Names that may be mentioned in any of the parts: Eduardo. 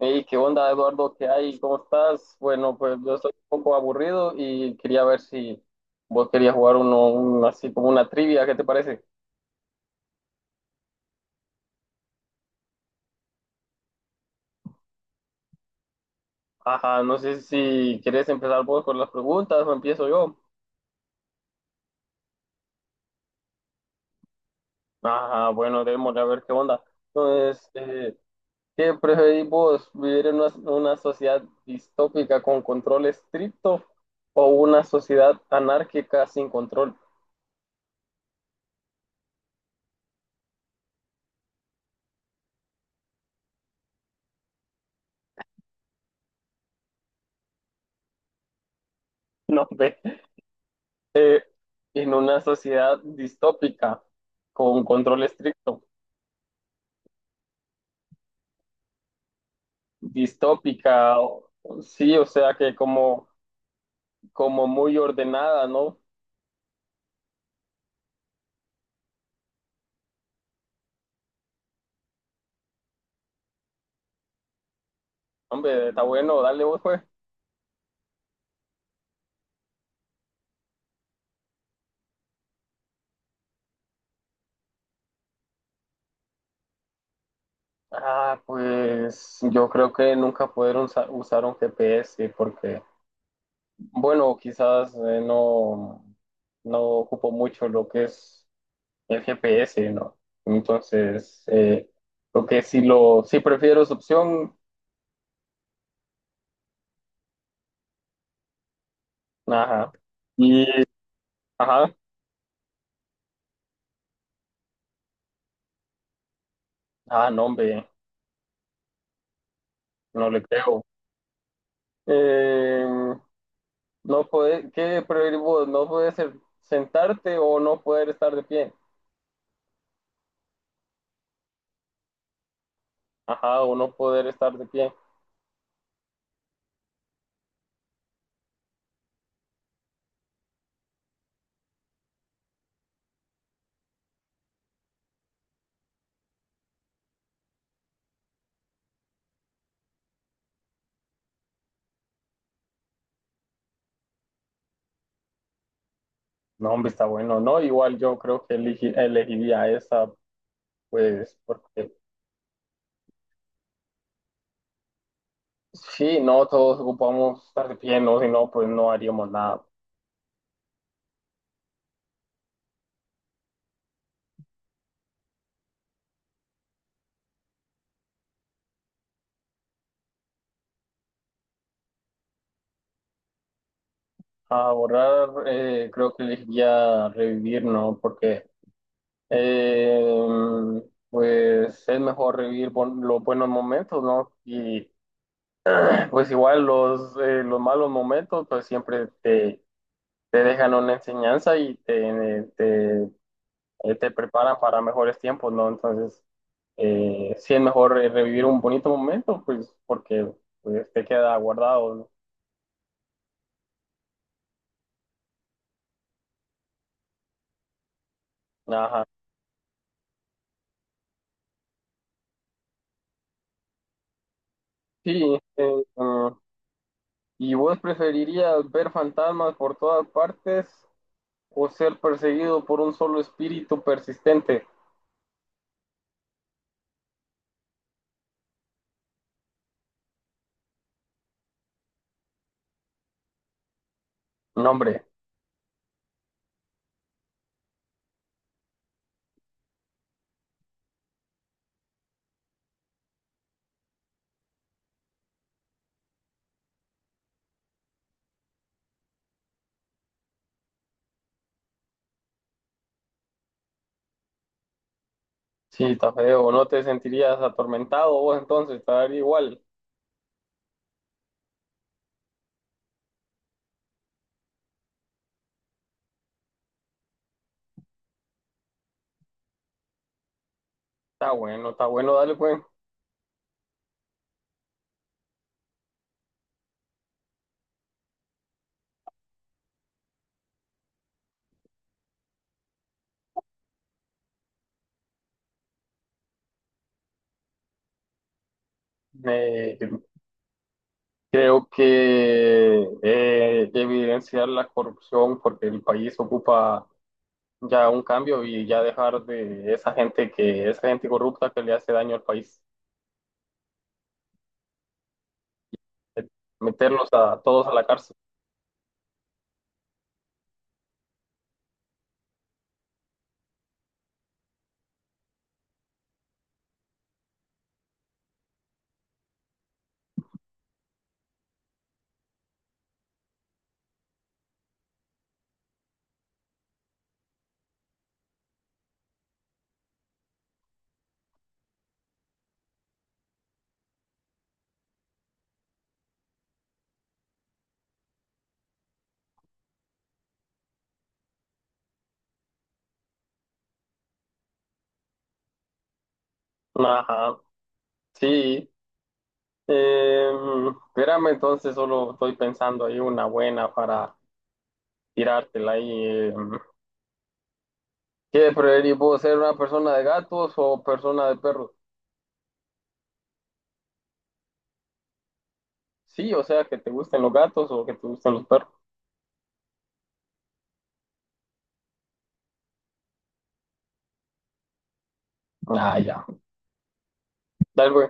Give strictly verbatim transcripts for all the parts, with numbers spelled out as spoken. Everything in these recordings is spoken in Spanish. Hey, ¿qué onda, Eduardo? ¿Qué hay? ¿Cómo estás? Bueno, pues yo estoy un poco aburrido y quería ver si vos querías jugar uno, un- así como una trivia, ¿qué te parece? Ajá, no sé si querés empezar vos con las preguntas o empiezo yo. Ajá, bueno, démosle a ver qué onda. Entonces, eh, ¿qué preferís vos? ¿Vivir en una, una sociedad distópica con control estricto o una sociedad anárquica sin control? No, ve, en una sociedad distópica con control estricto. distópica, o- sí, o sea que como, como muy ordenada, ¿no? Hombre, está bueno, dale vos, pues. Ah, pues yo creo que nunca poder usa- usar un G P S porque, bueno, quizás eh, no, no ocupo mucho lo que es el G P S, ¿no? Entonces, eh, lo que sí lo, sí prefiero esa opción, ajá. Y, ajá, ah, no, hombre, no le creo. Eh, no puede, ¿qué preferís vos? No poder ser- sentarte o no poder estar de pie. Ajá, o no poder estar de pie. No, hombre, está bueno, ¿no? Igual yo creo que eligi- elegiría esa, pues, porque sí, no, todos ocupamos estar de pie, ¿no? Si no, pues no haríamos nada. A borrar, eh, creo que elegiría revivir, ¿no? Porque, eh, pues, es mejor revivir bon- los buenos momentos, ¿no? Y pues igual los, eh, los malos momentos pues siempre te, te dejan una enseñanza y te, te, eh, te preparan para mejores tiempos, ¿no? Entonces, eh, sí es mejor eh, revivir un bonito momento, pues porque pues, te queda guardado, ¿no? Ajá. Sí, eh, mm, ¿y vos preferirías ver fantasmas por todas partes o ser perseguido por un solo espíritu persistente? No, hombre, sí, está feo, no te sentirías atormentado vos entonces, te daría igual. Está bueno, está bueno, dale pues. Eh, creo que eh, evidenciar la corrupción porque el país ocupa ya un cambio y ya dejar de esa gente que, esa gente corrupta que le hace daño al país. Eh, meterlos a todos a la cárcel. Ajá, sí. Eh, espérame, entonces solo estoy pensando ahí una buena para tirártela ahí. Eh, ¿Qué preferís vos, ser una persona de gatos o persona de perros? Sí, o sea, que te gusten los gatos o que te gusten los perros. Ah, ya. Dale, güey.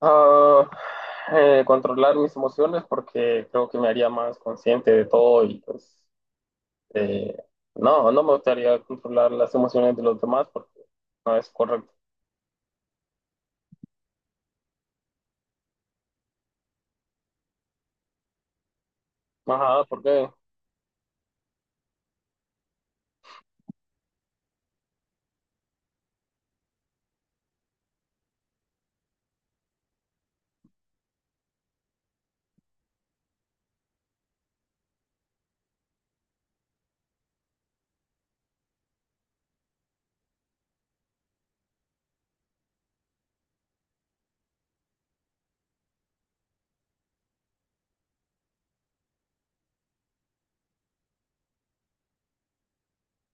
Ah, eh, controlar mis emociones porque creo que me haría más consciente de todo y pues eh, no, no me gustaría controlar las emociones de los demás porque no es correcto. Ajá, porque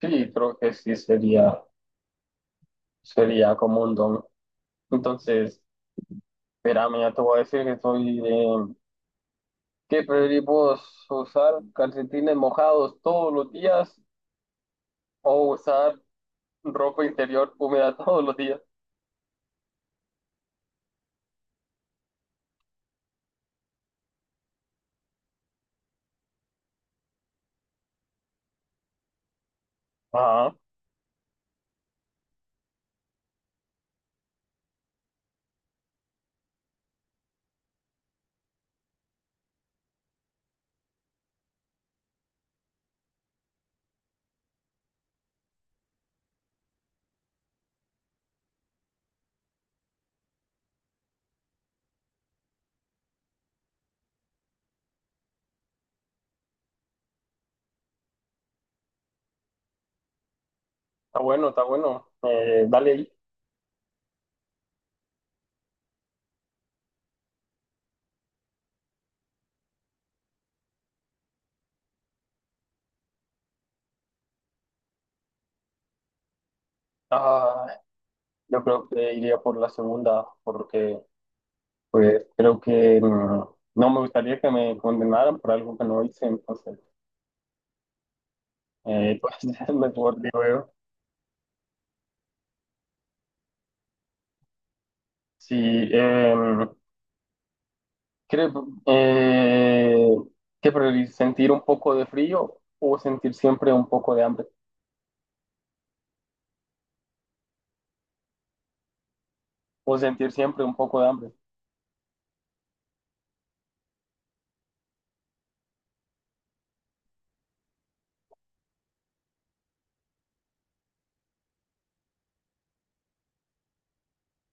sí, creo que sí sería, sería como un don. Entonces, espérame, ya te voy a decir que soy de... ¿Qué preferís vos? ¿Usar calcetines mojados todos los días o usar ropa interior húmeda todos los días? Ajá, está bueno, está bueno. Eh, dale ahí. Ah, yo creo que iría por la segunda, porque pues creo que mm, no me gustaría que me condenaran por algo que no hice, entonces eh, pues es mejor, digo yo. Sí, em, creo eh, que priorizar sentir un poco de frío o sentir siempre un poco de hambre, o sentir siempre un poco de hambre.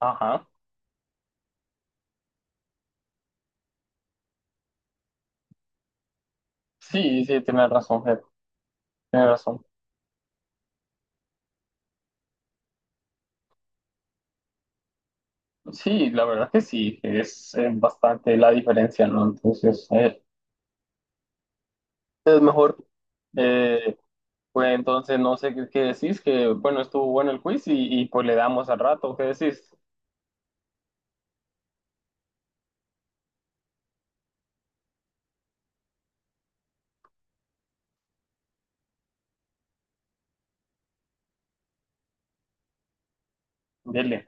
Ajá, sí, sí, tienes razón, Ger, tienes razón. Sí, la verdad que sí, es, eh, bastante la diferencia, ¿no? Entonces, eh, es mejor. Eh, pues entonces, no sé qué, qué decís, que bueno, estuvo bueno el quiz y, y pues le damos al rato, ¿qué decís? Dile.